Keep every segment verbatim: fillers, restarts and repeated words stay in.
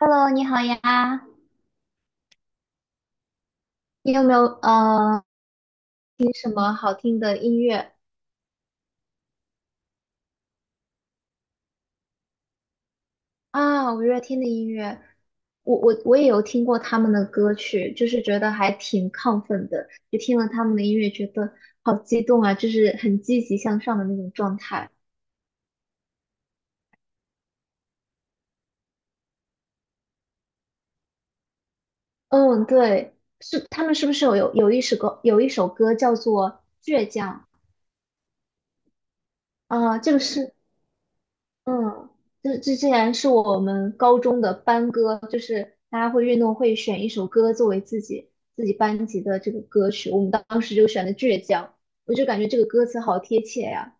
Hello，你好呀，你有没有呃听什么好听的音乐啊？五月天的音乐，我我我也有听过他们的歌曲，就是觉得还挺亢奋的，就听了他们的音乐，觉得好激动啊，就是很积极向上的那种状态。嗯，对，是他们是不是有有有一首歌有一首歌叫做《倔强》啊？这个是。嗯，这这竟然是我们高中的班歌，就是大家会运动会选一首歌作为自己自己班级的这个歌曲，我们当时就选的《倔强》，我就感觉这个歌词好贴切呀。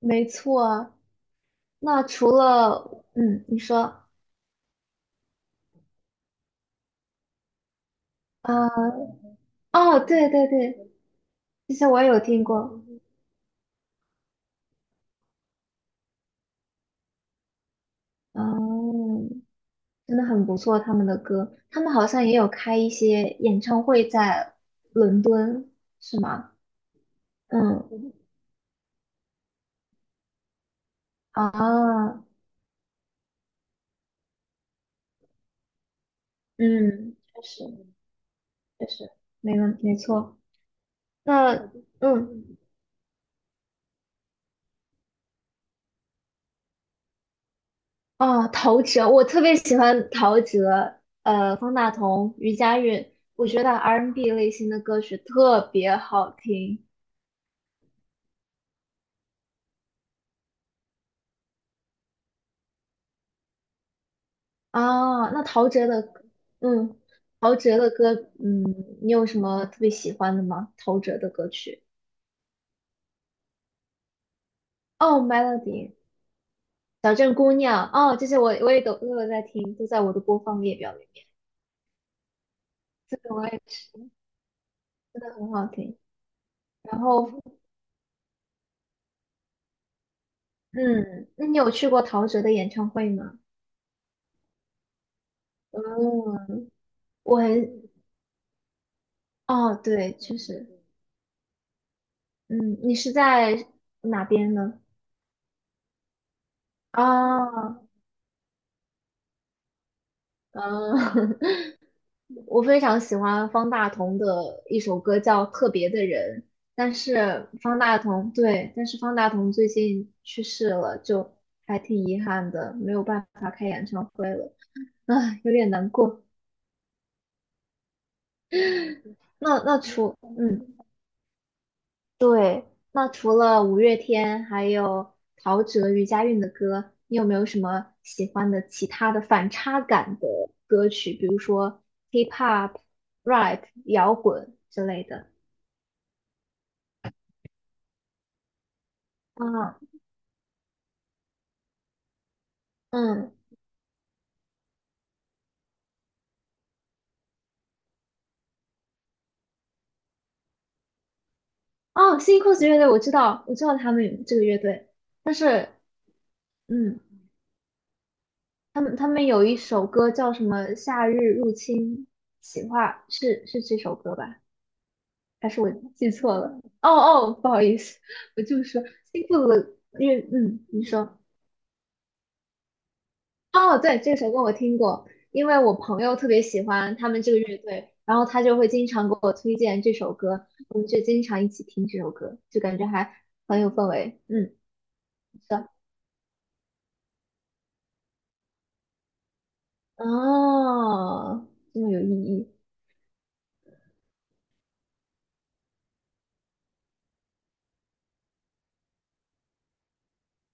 没错啊，那除了嗯，你说啊，哦，对对对，这些我也有听过，嗯，真的很不错，他们的歌，他们好像也有开一些演唱会在伦敦，是吗？嗯。啊，嗯，确实，确实，没问，没错。那，嗯，哦，陶喆，我特别喜欢陶喆，呃，方大同、余佳运，我觉得 R and B N 类型的歌曲特别好听啊。那陶喆的歌，嗯，陶喆的歌，嗯，你有什么特别喜欢的吗？陶喆的歌曲？哦，Melody、小镇姑娘，哦，这些我我也都都有在听，都在我的播放列表里面。这个我也是，真的很好听。然后嗯，那你有去过陶喆的演唱会吗？哦，哦，对，确实，嗯，你是在哪边呢？啊，嗯，我非常喜欢方大同的一首歌叫《特别的人》，但是方大同，对，但是方大同最近去世了，就还挺遗憾的，没有办法开演唱会了，啊，有点难过。那那除，嗯。对，那除了五月天，还有陶喆、余佳运的歌，你有没有什么喜欢的其他的反差感的歌曲？比如说 hip hop、rap、摇滚之类的。啊，嗯，哦，新 cos 乐队我知道，我知道他们这个乐队，但是，嗯，他们他们有一首歌叫什么《夏日入侵》，企划是是这首歌吧？还是我记错了？哦哦，不好意思，我就说新裤子的，因为嗯，你说哦，对，这首歌我听过，因为我朋友特别喜欢他们这个乐队，然后他就会经常给我推荐这首歌，我们就经常一起听这首歌，就感觉还很有氛围。嗯，是的，哦，这么有意义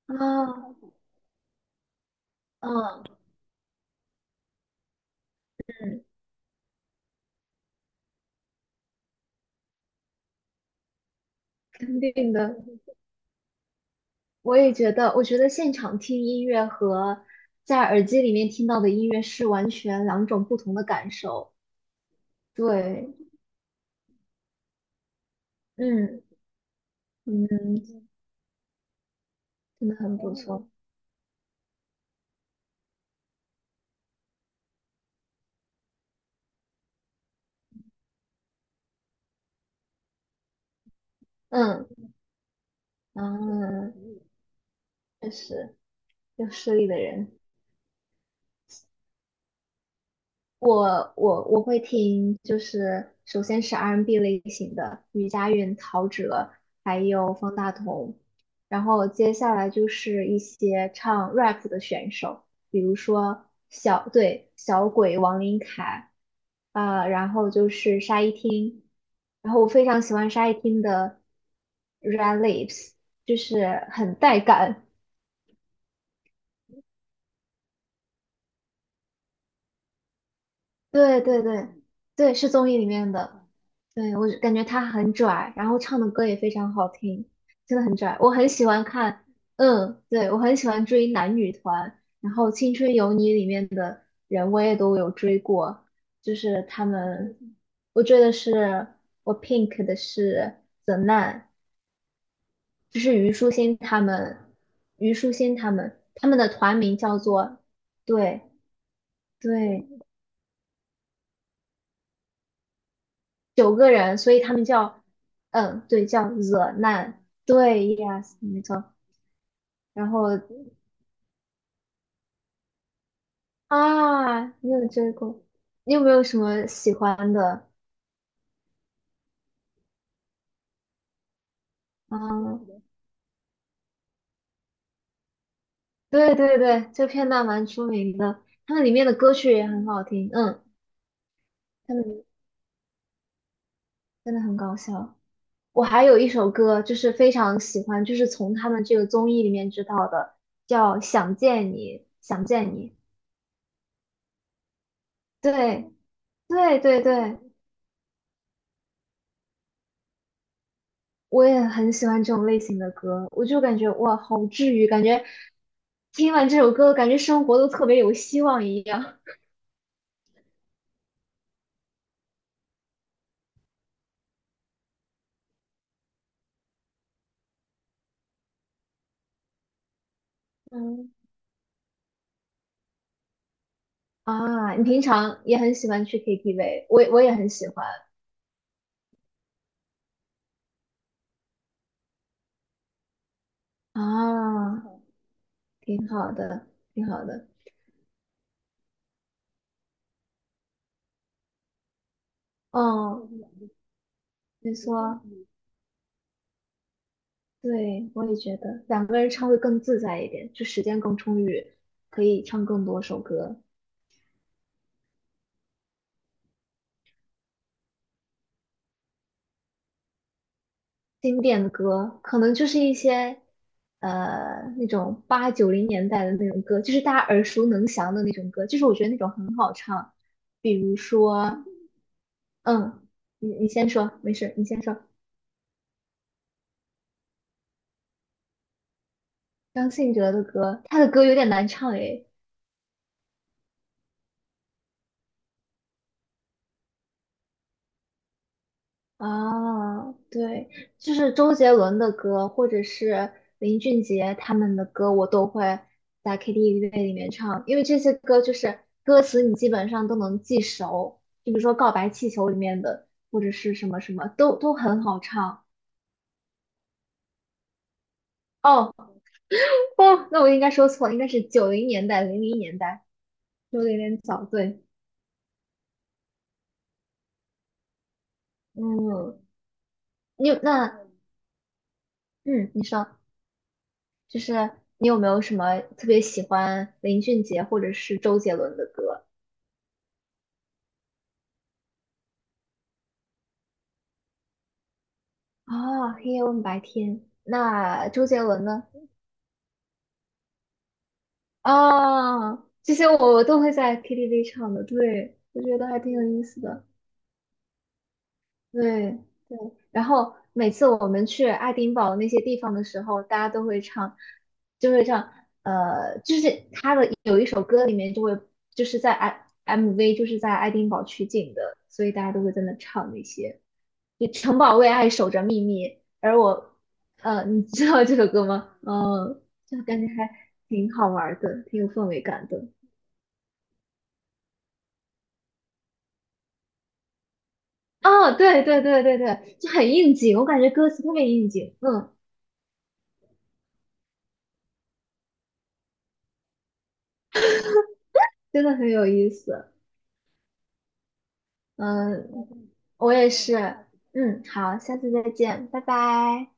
啊，嗯嗯，肯定的，我也觉得，我觉得现场听音乐和在耳机里面听到的音乐是完全两种不同的感受。对，嗯嗯，真的很不错。嗯嗯，确实，有实力的人。我我我会听，就是首先是 R and B 类型的余佳运、陶喆，还有方大同，然后接下来就是一些唱 rap 的选手，比如说小，对，小鬼王琳凯，啊、然后就是沙一汀，然后我非常喜欢沙一汀的《Red Lips》，就是很带感，对对对对，是综艺里面的。对，我感觉他很拽，然后唱的歌也非常好听，真的很拽。我很喜欢看，嗯，对，我很喜欢追男女团，然后《青春有你》里面的人我也都有追过，就是他们，我追的是我 Pink 的是 The Nan，就是虞书欣他们，虞书欣他们，他们的团名叫做，对对，九个人，所以他们叫，嗯，对，叫惹难，对，yes，没错。然后啊，你有追过？你有没有什么喜欢的？嗯，对对对，这片段蛮出名的，他们里面的歌曲也很好听，嗯，他们真的很搞笑。我还有一首歌就是非常喜欢，就是从他们这个综艺里面知道的，叫《想见你》，想见你，对对对对。我也很喜欢这种类型的歌，我就感觉哇，好治愈，感觉听完这首歌，感觉生活都特别有希望一样。嗯，啊，你平常也很喜欢去 K T V，我我也很喜欢啊，挺好的，挺好的。哦，没错，对，我也觉得两个人唱会更自在一点，就时间更充裕，可以唱更多首歌。经典的歌，可能就是一些呃那种八九零年代的那种歌，就是大家耳熟能详的那种歌，就是我觉得那种很好唱，比如说，嗯，你你先说，没事，你先说，张信哲的歌，他的歌有点难唱诶，啊，对，就是周杰伦的歌，或者是林俊杰他们的歌，我都会在 K T V 里面唱，因为这些歌就是歌词你基本上都能记熟，就比如说《告白气球》里面的，或者是什么什么，都都很好唱。哦哦，那我应该说错了，应该是九零年代、零零年代，说的有点早，对。嗯，你有那嗯，你说，就是你有没有什么特别喜欢林俊杰或者是周杰伦的歌？哦，黑夜问白天，那周杰伦呢？啊，这些我都会在 K T V 唱的，对，我觉得还挺有意思的，对对。然后每次我们去爱丁堡那些地方的时候，大家都会唱，就会唱，呃，就是他的有一首歌里面就会就是在 M MV 就是在爱丁堡取景的，所以大家都会在那唱那些。就城堡为爱守着秘密，而我，呃，你知道这首歌吗？嗯，就感觉还挺好玩的，挺有氛围感的。哦，对对对对对，就很应景，我感觉歌词特别应景，嗯，真的很有意思，嗯，我也是，嗯，好，下次再见，拜拜。